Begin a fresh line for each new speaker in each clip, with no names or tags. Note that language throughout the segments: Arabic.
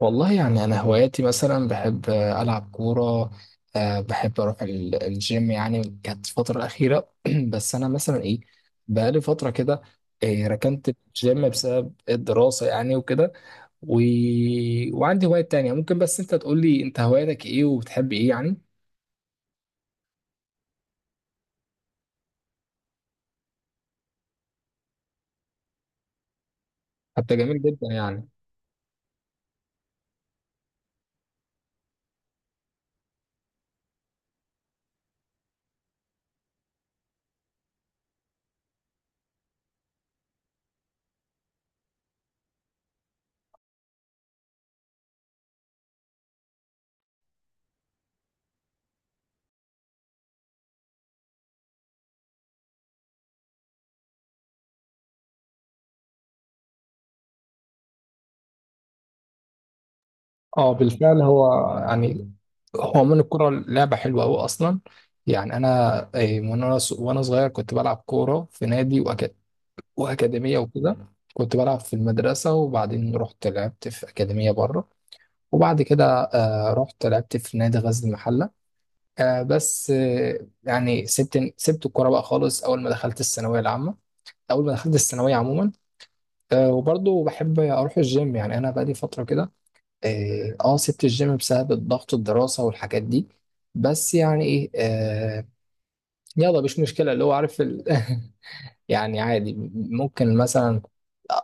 والله يعني أنا هواياتي مثلا بحب ألعب كورة. بحب أروح الجيم يعني كانت الفترة الأخيرة بس أنا مثلا إيه بقالي فترة كده. ركنت الجيم بسبب الدراسة يعني وكده و... وعندي هوايات تانية ممكن، بس أنت تقول لي أنت هواياتك إيه وبتحب إيه يعني. حتى جميل جدا يعني. اه بالفعل هو يعني، هو من الكرة لعبة حلوة أوي أصلا. يعني أنا من وأنا صغير كنت بلعب كورة في نادي وأكاديمية وكده. مم. كنت بلعب في المدرسة وبعدين رحت لعبت في أكاديمية بره، وبعد كده رحت لعبت في نادي غزل المحلة. آه، بس آه، يعني سبت الكورة بقى خالص أول ما دخلت الثانوية العامة، أول ما دخلت الثانوية عموما. وبرضه بحب أروح الجيم، يعني أنا بقالي فترة كده. سبت الجيم بسبب الضغط الدراسة والحاجات دي. بس يعني إيه يلا مش مشكلة، اللي هو عارف يعني عادي، ممكن مثلا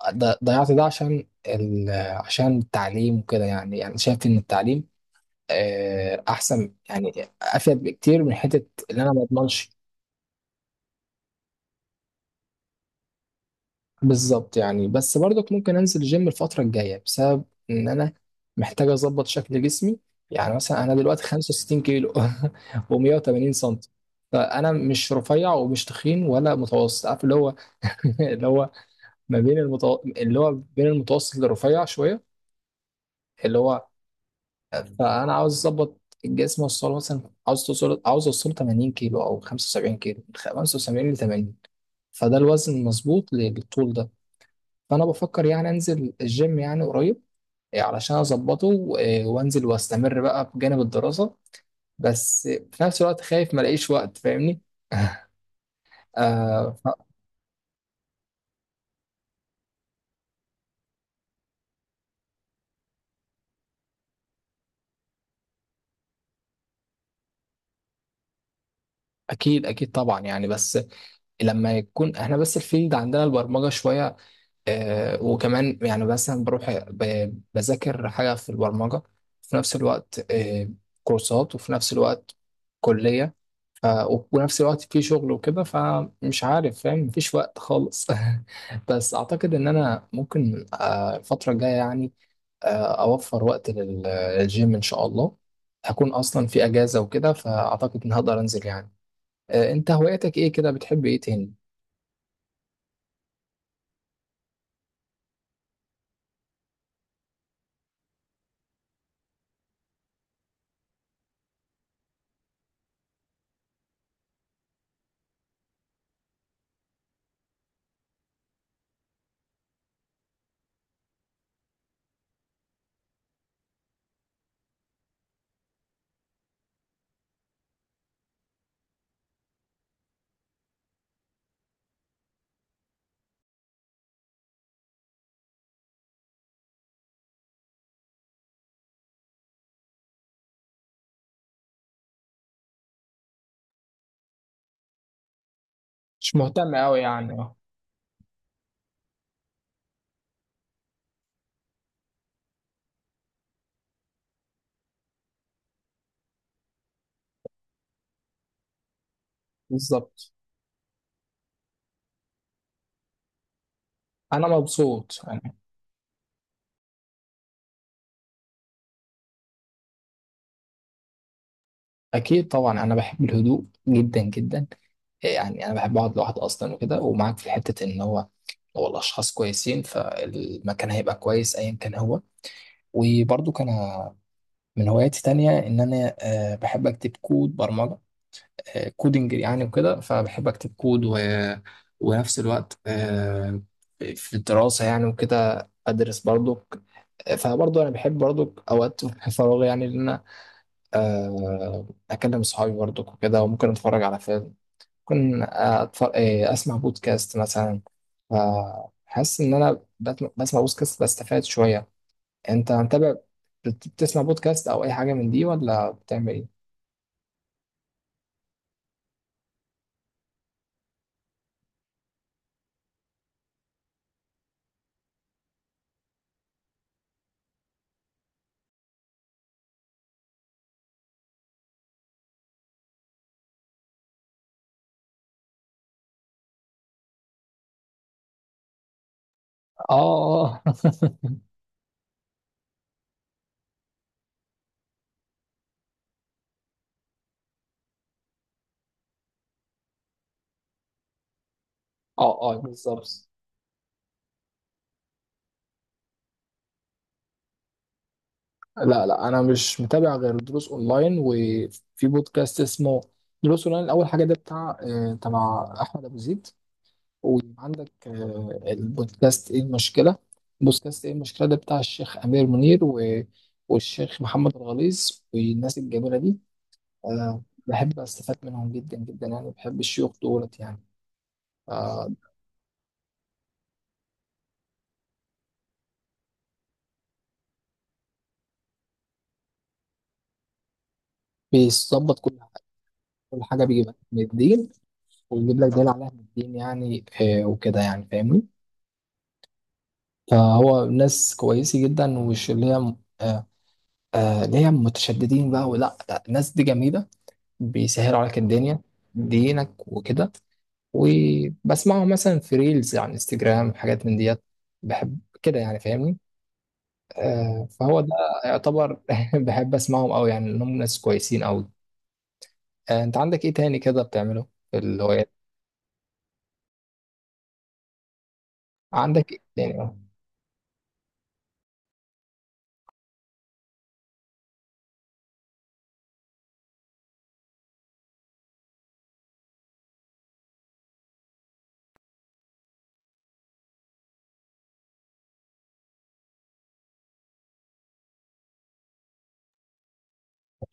ضيعت ده عشان عشان التعليم وكده. يعني يعني شايف ان التعليم احسن، يعني افيد بكتير من حته اللي انا ما اضمنش. بالظبط، يعني بس برضك ممكن انزل الجيم الفتره الجايه بسبب ان انا محتاج اظبط شكل جسمي. يعني مثلا انا دلوقتي 65 كيلو و180 سم. فانا مش رفيع ومش تخين ولا متوسط، عارف اللي هو اللي هو ما بين اللي هو بين المتوسط للرفيع شويه، اللي هو فانا عاوز اظبط الجسم اوصله مثلا. عاوز توصل عاوز اوصله 80 كيلو او 75 كيلو، من 75 ل 80. فده الوزن المظبوط للطول ده. فانا بفكر يعني انزل الجيم يعني قريب، إيه، علشان اظبطه إيه، وانزل واستمر بقى بجانب الدراسة. بس في نفس الوقت خايف ما الاقيش وقت، فاهمني؟ آه ف- اكيد اكيد طبعا يعني. بس لما يكون احنا بس الفيلد عندنا البرمجه شويه وكمان يعني مثلا بروح بذاكر حاجة في البرمجة في نفس الوقت كورسات، وفي نفس الوقت كلية، ف- ونفس الوقت في شغل وكده. فمش عارف فاهم، مفيش وقت خالص بس أعتقد إن أنا ممكن الفترة الجاية يعني أوفر وقت للجيم إن شاء الله. هكون أصلا في أجازة وكده، فأعتقد إن هقدر أنزل يعني. أنت هواياتك إيه كده، بتحب إيه تاني؟ مش مهتم أوي يعني بالظبط. أنا مبسوط. اكيد طبعا، انا بحب الهدوء جدا جدا. يعني انا بحب اقعد لوحدي اصلا وكده، ومعاك في حته ان هو لو الاشخاص كويسين فالمكان هيبقى كويس ايا كان هو. وبرضو كان من هواياتي تانية ان انا بحب اكتب كود برمجه، كودنج يعني وكده. فبحب اكتب كود ونفس الوقت في الدراسه يعني وكده ادرس برضو. فبرضو انا بحب برضو اوقات في فراغي يعني ان انا اكلم صحابي برضو وكده، وممكن اتفرج على فيلم، ممكن أتفرج أسمع بودكاست مثلا. فحاسس إن أنا بسمع بودكاست بستفاد شوية. أنت متابع، بتسمع بودكاست أو أي حاجة من دي ولا بتعمل إيه؟ اه اه اه اه بالظبط. لا، انا مش متابع غير دروس اونلاين، وفي بودكاست اسمه دروس اونلاين. اول حاجه ده بتاع تبع احمد ابو زيد. ويبقى عندك البودكاست ايه المشكلة. بودكاست ايه المشكلة ده بتاع الشيخ أمير منير والشيخ محمد الغليظ والناس الجميلة دي. بحب أستفاد منهم جدا جدا يعني، بحب الشيوخ دولت يعني. آه، بيظبط كل حاجة، كل حاجة بيجيب لك من الدين ويجيب لك دليل عليها من الدين يعني. وكده يعني فاهمني. فهو ناس كويسة جدا، ومش اللي هي آه، اللي هي متشددين بقى، ولا لا الناس دي جميلة، بيسهلوا عليك الدنيا، دينك وكده. وبسمعه مثلا في ريلز على انستجرام حاجات من ديت. بحب كده يعني فاهمني. آه فهو ده يعتبر بحب اسمعهم قوي يعني، انهم ناس كويسين قوي. آه انت عندك ايه تاني كده بتعمله في الهوايات؟ عندك ايه تاني؟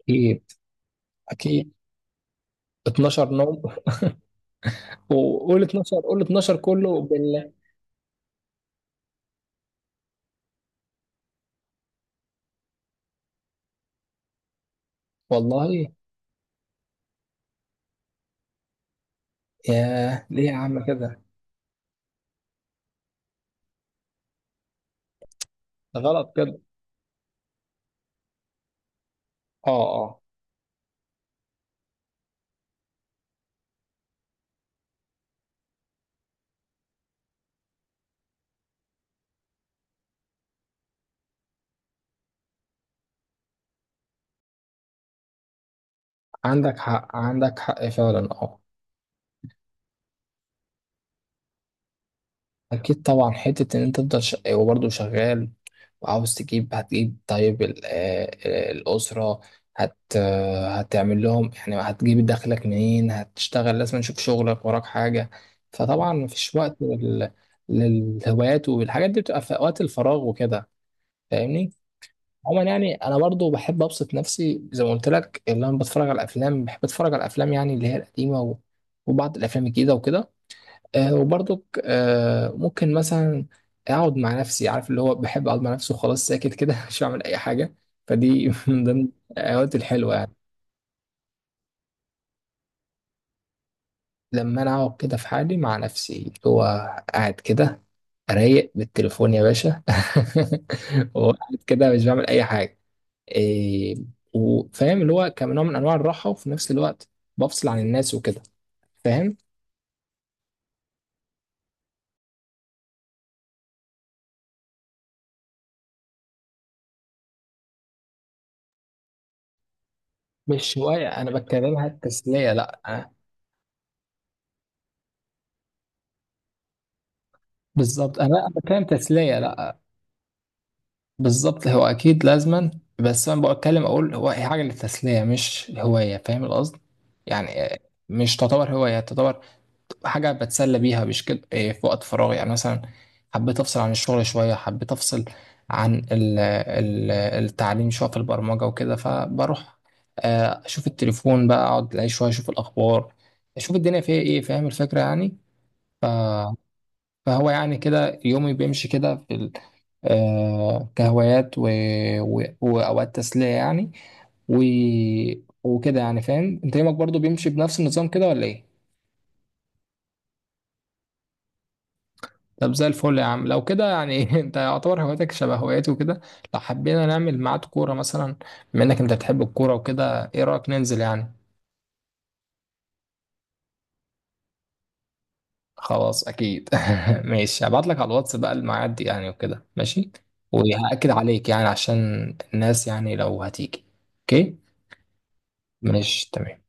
اكيد اكيد 12 نوم. وقول 12، قول 12 كله بالله. والله ياه ليه يا عم كده؟ ده غلط كده. اه اه، عندك حق، عندك حق فعلا اه. اكيد طبعا، حته ان انت تفضل وبرضه شغال وعاوز تجيب، هتجيب طيب ال... آه، آه، الاسره هت... آه، هتعمل لهم يعني، هتجيب دخلك منين؟ هتشتغل، لازم نشوف شغلك وراك حاجه. فطبعا مفيش وقت للهوايات، والحاجات دي بتبقى في اوقات الفراغ وكده، فاهمني. عموما يعني انا برضه بحب ابسط نفسي زي ما قلت لك، اللي انا بتفرج على الافلام. بحب اتفرج على الافلام يعني، اللي هي القديمه وبعض الافلام الجديده وكده. آه وبرضك آه ممكن مثلا اقعد مع نفسي، عارف اللي هو بحب اقعد مع نفسي وخلاص، ساكت كده مش بعمل اي حاجه. فدي من ضمن الاوقات الحلوه يعني. لما انا اقعد كده في حالي مع نفسي، اللي هو قاعد كده رايق بالتليفون يا باشا وقاعد كده مش بعمل اي حاجه إيه. وفاهم اللي هو كنوع من انواع الراحه، وفي نفس الوقت بفصل عن الناس وكده فاهم. مش هوايه، انا بتكلمها تسليه لا. بالظبط، انا بتكلم تسليه لا. بالظبط هو اكيد لازما. بس انا بتكلم اقول هو، هي حاجه للتسليه مش هوايه، فاهم القصد؟ يعني مش تعتبر هوايه، تعتبر حاجه بتسلى بيها مش كده. في وقت فراغي يعني مثلا حبيت افصل عن الشغل شويه، حبيت افصل عن التعليم شويه في البرمجه وكده، فبروح اشوف التليفون بقى، اقعد اعيش شويه، اشوف الاخبار، اشوف الدنيا فيها ايه، فاهم الفكره يعني. فهو يعني كده يومي بيمشي كده في آه كهوايات وأوقات تسلية يعني، و... وكده يعني فاهم. أنت يومك برضو بيمشي بنفس النظام كده ولا إيه؟ طب زي الفل يا عم لو كده يعني أنت يعتبر هواياتك شبه هواياتي وكده، لو حبينا نعمل ميعاد كورة مثلا، بما إنك أنت بتحب الكورة وكده، إيه رأيك ننزل يعني؟ خلاص أكيد ماشي هبعت لك على الواتس بقى الميعاد يعني وكده، ماشي؟ وهأكد عليك يعني عشان الناس يعني لو هتيجي، أوكي؟ ماشي تمام.